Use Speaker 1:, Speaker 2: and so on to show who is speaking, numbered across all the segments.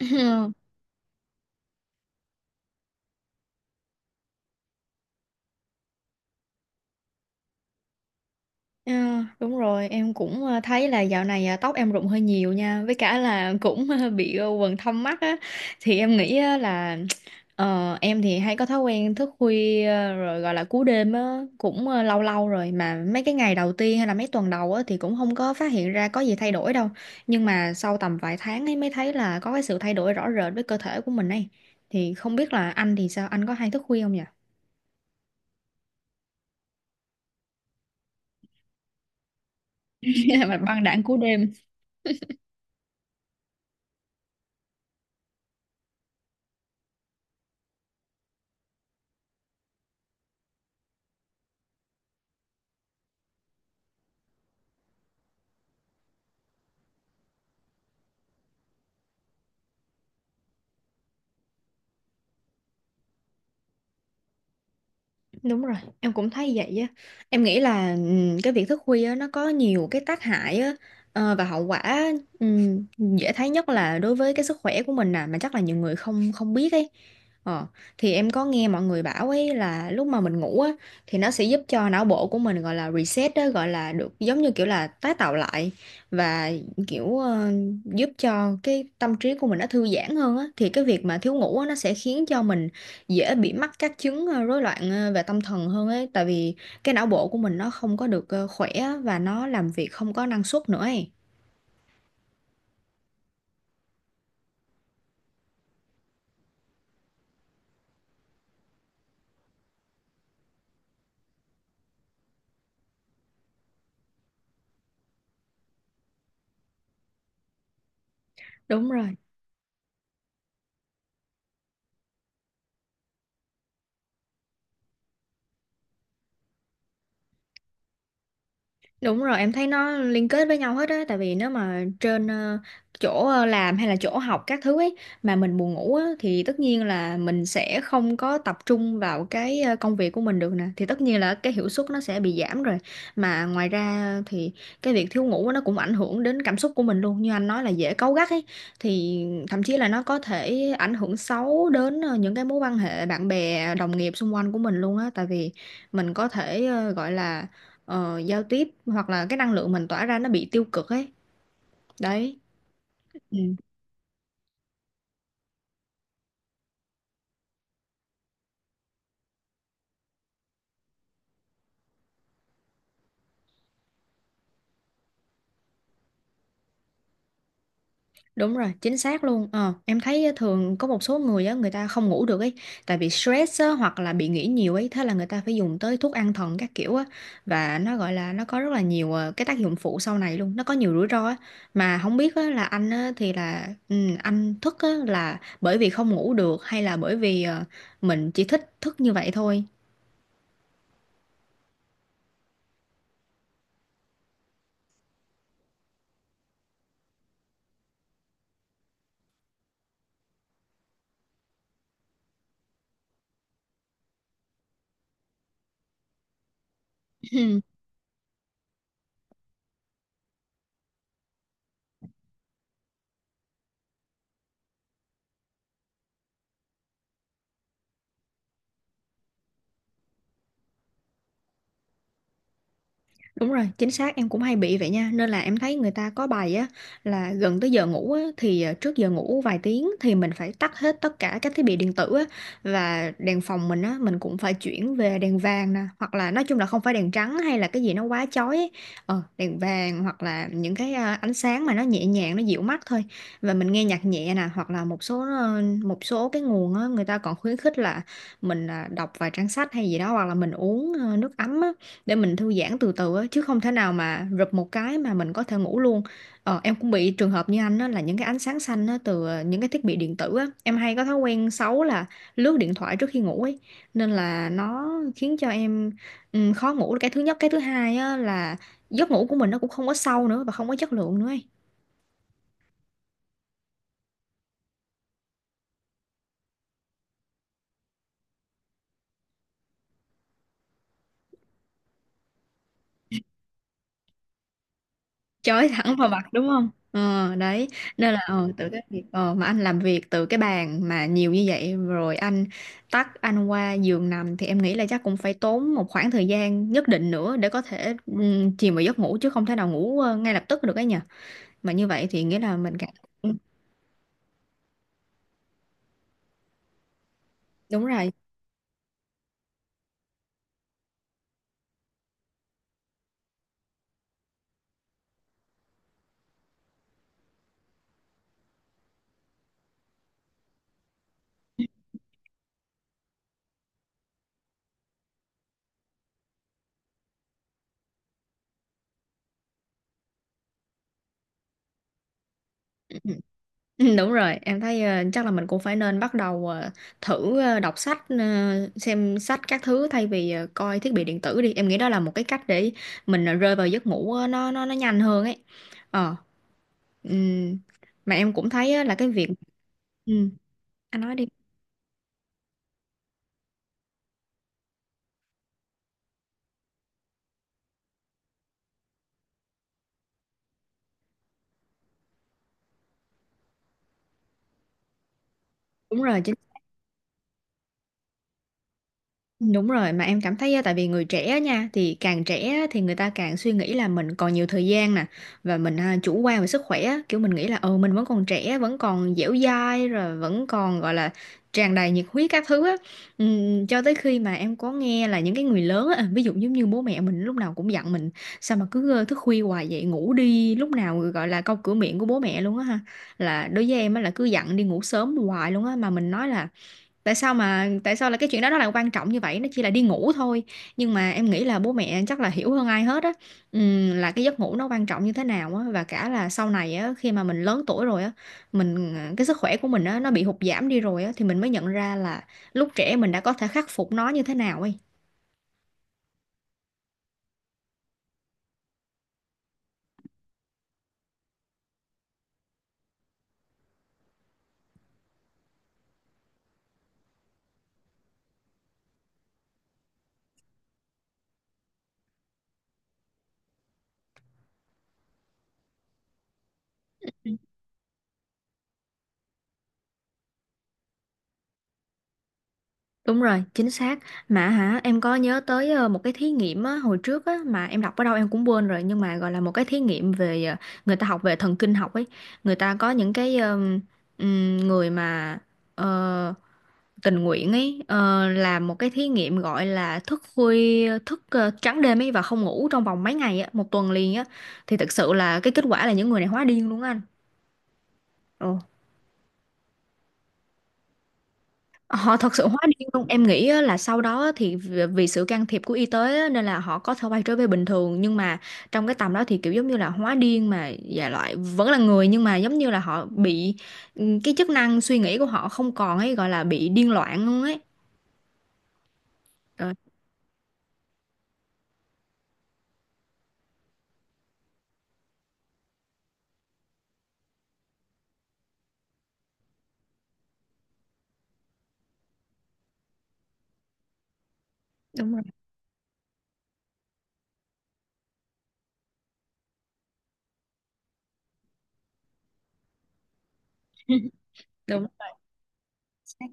Speaker 1: Ờ, đúng rồi, em cũng thấy là dạo này tóc em rụng hơi nhiều nha, với cả là cũng bị quầng thâm mắt á, thì em nghĩ á là em thì hay có thói quen thức khuya, rồi gọi là cú đêm á, cũng lâu lâu rồi mà mấy cái ngày đầu tiên hay là mấy tuần đầu á thì cũng không có phát hiện ra có gì thay đổi đâu, nhưng mà sau tầm vài tháng ấy mới thấy là có cái sự thay đổi rõ rệt với cơ thể của mình ấy. Thì không biết là anh thì sao, anh có hay thức khuya không nhỉ? Mà băng đảng cú đêm. Đúng rồi, em cũng thấy vậy á. Em nghĩ là cái việc thức khuya á, nó có nhiều cái tác hại á, và hậu quả ừm, dễ thấy nhất là đối với cái sức khỏe của mình nè, mà chắc là nhiều người không không biết ấy. Ờ, thì em có nghe mọi người bảo ấy là lúc mà mình ngủ á thì nó sẽ giúp cho não bộ của mình, gọi là reset á, gọi là được giống như kiểu là tái tạo lại, và kiểu giúp cho cái tâm trí của mình nó thư giãn hơn á. Thì cái việc mà thiếu ngủ á, nó sẽ khiến cho mình dễ bị mắc các chứng rối loạn, về tâm thần hơn ấy, tại vì cái não bộ của mình nó không có được khỏe á, và nó làm việc không có năng suất nữa ấy. Đúng rồi. Đúng rồi, em thấy nó liên kết với nhau hết á, tại vì nếu mà trên chỗ làm hay là chỗ học các thứ ấy mà mình buồn ngủ á thì tất nhiên là mình sẽ không có tập trung vào cái công việc của mình được nè, thì tất nhiên là cái hiệu suất nó sẽ bị giảm rồi. Mà ngoài ra thì cái việc thiếu ngủ nó cũng ảnh hưởng đến cảm xúc của mình luôn, như anh nói là dễ cáu gắt ấy, thì thậm chí là nó có thể ảnh hưởng xấu đến những cái mối quan hệ bạn bè, đồng nghiệp xung quanh của mình luôn á, tại vì mình có thể gọi là giao tiếp hoặc là cái năng lượng mình tỏa ra nó bị tiêu cực ấy đấy. Ừ, đúng rồi, chính xác luôn. Ờ, em thấy á, thường có một số người á, người ta không ngủ được ấy tại vì stress á, hoặc là bị nghĩ nhiều ấy, thế là người ta phải dùng tới thuốc an thần các kiểu á, và nó gọi là nó có rất là nhiều cái tác dụng phụ sau này luôn, nó có nhiều rủi ro á. Mà không biết á, là anh á, thì là anh thức á là bởi vì không ngủ được, hay là bởi vì mình chỉ thích thức như vậy thôi? Đúng rồi, chính xác em cũng hay bị vậy nha. Nên là em thấy người ta có bài á, là gần tới giờ ngủ á thì trước giờ ngủ vài tiếng thì mình phải tắt hết tất cả các thiết bị điện tử á, và đèn phòng mình á mình cũng phải chuyển về đèn vàng nè, hoặc là nói chung là không phải đèn trắng hay là cái gì nó quá chói ấy. Ờ, đèn vàng hoặc là những cái ánh sáng mà nó nhẹ nhàng, nó dịu mắt thôi. Và mình nghe nhạc nhẹ nè, hoặc là một số cái nguồn á, người ta còn khuyến khích là mình đọc vài trang sách hay gì đó, hoặc là mình uống nước ấm á để mình thư giãn từ từ á, chứ không thể nào mà rụp một cái mà mình có thể ngủ luôn. Em cũng bị trường hợp như anh á, là những cái ánh sáng xanh á từ những cái thiết bị điện tử á, em hay có thói quen xấu là lướt điện thoại trước khi ngủ ấy, nên là nó khiến cho em khó ngủ là cái thứ nhất, cái thứ hai á là giấc ngủ của mình nó cũng không có sâu nữa và không có chất lượng nữa ấy. Chói thẳng vào mặt đúng không? Ờ Đấy. Nên là từ cái việc mà anh làm việc từ cái bàn mà nhiều như vậy rồi, anh tắt, anh qua giường nằm, thì em nghĩ là chắc cũng phải tốn một khoảng thời gian nhất định nữa để có thể chìm vào giấc ngủ, chứ không thể nào ngủ ngay lập tức được ấy nhỉ. Mà như vậy thì nghĩa là mình cảm. Đúng rồi. Ừ. Ừ, đúng rồi, em thấy chắc là mình cũng phải nên bắt đầu thử đọc sách, xem sách các thứ, thay vì coi thiết bị điện tử đi. Em nghĩ đó là một cái cách để mình rơi vào giấc ngủ, nó nhanh hơn ấy. Ờ, ừm, mà em cũng thấy á là cái việc. Ừ, anh nói đi. Đúng rồi, chính Đúng rồi, mà em cảm thấy á, tại vì người trẻ á nha, thì càng trẻ á thì người ta càng suy nghĩ là mình còn nhiều thời gian nè, và mình chủ quan về sức khỏe á, kiểu mình nghĩ là ừ mình vẫn còn trẻ, vẫn còn dẻo dai rồi, vẫn còn gọi là tràn đầy nhiệt huyết các thứ á. Cho tới khi mà em có nghe là những cái người lớn á, ví dụ giống như bố mẹ mình lúc nào cũng dặn mình sao mà cứ thức khuya hoài vậy, ngủ đi, lúc nào gọi là câu cửa miệng của bố mẹ luôn á ha. Là đối với em á là cứ dặn đi ngủ sớm hoài luôn á, mà mình nói là tại sao là cái chuyện đó nó lại quan trọng như vậy, nó chỉ là đi ngủ thôi. Nhưng mà em nghĩ là bố mẹ chắc là hiểu hơn ai hết á, là cái giấc ngủ nó quan trọng như thế nào á, và cả là sau này á, khi mà mình lớn tuổi rồi á, cái sức khỏe của mình á nó bị hụt giảm đi rồi á, thì mình mới nhận ra là lúc trẻ mình đã có thể khắc phục nó như thế nào ấy. Đúng rồi, chính xác. Mà hả, em có nhớ tới một cái thí nghiệm á, hồi trước á, mà em đọc ở đâu em cũng quên rồi, nhưng mà gọi là một cái thí nghiệm về người ta học về thần kinh học ấy. Người ta có những cái người mà ờ, tình nguyện ấy, làm một cái thí nghiệm, gọi là thức khuya, thức trắng đêm ấy, và không ngủ trong vòng mấy ngày á, một tuần liền á. Thì thực sự là cái kết quả là những người này hóa điên luôn á anh. Họ thật sự hóa điên luôn. Em nghĩ á là sau đó thì vì vì sự can thiệp của y tế á, nên là họ có thể quay trở về bình thường, nhưng mà trong cái tầm đó thì kiểu giống như là hóa điên, mà dạ loại vẫn là người, nhưng mà giống như là họ bị cái chức năng suy nghĩ của họ không còn ấy, gọi là bị điên loạn luôn ấy. Rồi, đúng rồi. Đúng rồi.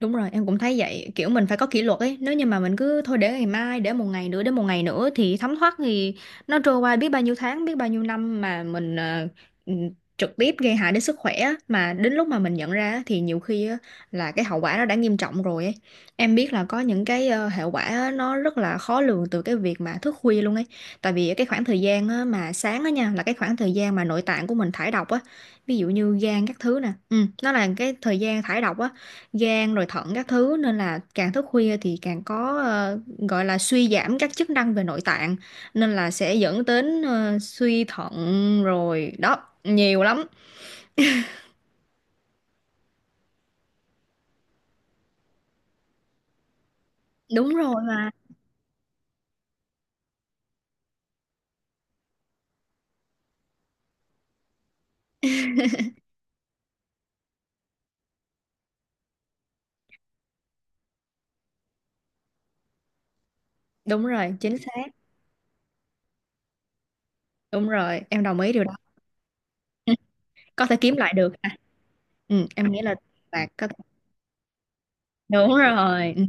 Speaker 1: Đúng rồi, em cũng thấy vậy, kiểu mình phải có kỷ luật ấy, nếu như mà mình cứ thôi để ngày mai, để một ngày nữa, để một ngày nữa, thì thấm thoát thì nó trôi qua biết bao nhiêu tháng, biết bao nhiêu năm mà mình ừ, trực tiếp gây hại đến sức khỏe á. Mà đến lúc mà mình nhận ra á, thì nhiều khi á là cái hậu quả nó đã nghiêm trọng rồi ấy. Em biết là có những cái hệ quả á, nó rất là khó lường từ cái việc mà thức khuya luôn ấy. Tại vì cái khoảng thời gian á, mà sáng á nha, là cái khoảng thời gian mà nội tạng của mình thải độc á, ví dụ như gan các thứ nè. Ừ, nó là cái thời gian thải độc á, gan rồi thận các thứ, nên là càng thức khuya thì càng có gọi là suy giảm các chức năng về nội tạng, nên là sẽ dẫn đến suy thận, rồi đó, nhiều lắm. Đúng rồi mà. Đúng rồi, chính xác. Đúng rồi, em đồng ý điều đó. Có thể kiếm lại được à. Ừ, em nghĩ là bạn có thể. Đúng rồi. Ừ.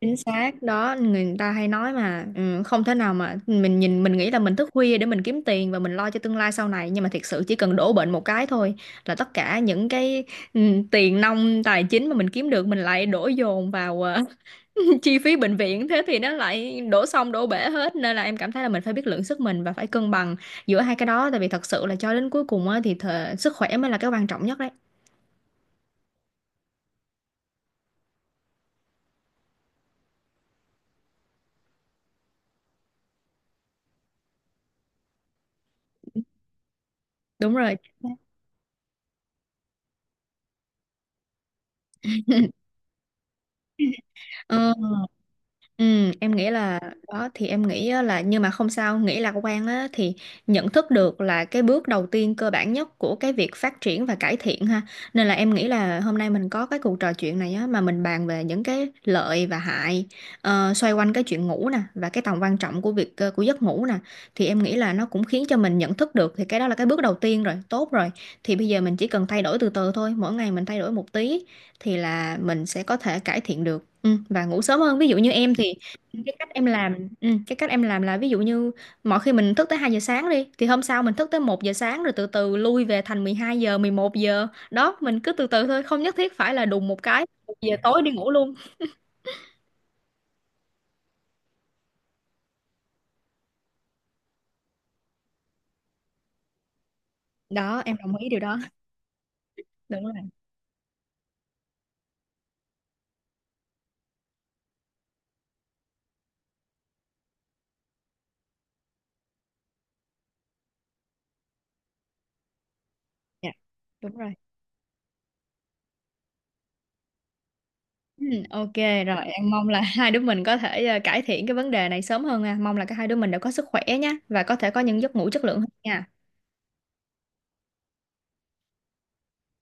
Speaker 1: Chính xác đó, người ta hay nói mà, ừ, không thể nào mà mình nghĩ là mình thức khuya để mình kiếm tiền và mình lo cho tương lai sau này, nhưng mà thiệt sự chỉ cần đổ bệnh một cái thôi là tất cả những cái ừ, tiền nong tài chính mà mình kiếm được mình lại đổ dồn vào chi phí bệnh viện, thế thì nó lại đổ xong đổ bể hết, nên là em cảm thấy là mình phải biết lượng sức mình và phải cân bằng giữa hai cái đó, tại vì thật sự là cho đến cuối cùng á, thì sức khỏe mới là cái quan trọng nhất đấy. Đúng rồi. Ừ. Ừ, em nghĩ là đó, thì em nghĩ á là nhưng mà không sao, nghĩ lạc quan á thì nhận thức được là cái bước đầu tiên cơ bản nhất của cái việc phát triển và cải thiện ha. Nên là em nghĩ là hôm nay mình có cái cuộc trò chuyện này á, mà mình bàn về những cái lợi và hại xoay quanh cái chuyện ngủ nè, và cái tầm quan trọng của việc của giấc ngủ nè, thì em nghĩ là nó cũng khiến cho mình nhận thức được, thì cái đó là cái bước đầu tiên rồi, tốt rồi. Thì bây giờ mình chỉ cần thay đổi từ từ thôi, mỗi ngày mình thay đổi một tí thì là mình sẽ có thể cải thiện được, và ngủ sớm hơn. Ví dụ như em thì cái cách em làm là ví dụ như mỗi khi mình thức tới 2 giờ sáng đi thì hôm sau mình thức tới 1 giờ sáng, rồi từ từ lui về thành 12 giờ, 11 giờ đó, mình cứ từ từ thôi, không nhất thiết phải là đùng một cái 1 giờ tối đi ngủ luôn. Đó em đồng ý điều đó. Đúng rồi. Dạ, đúng rồi. Ừ, ok. Rồi em mong là hai đứa mình có thể cải thiện cái vấn đề này sớm hơn nha. Mong là cả hai đứa mình đều có sức khỏe nhé, và có thể có những giấc ngủ chất lượng hơn nha.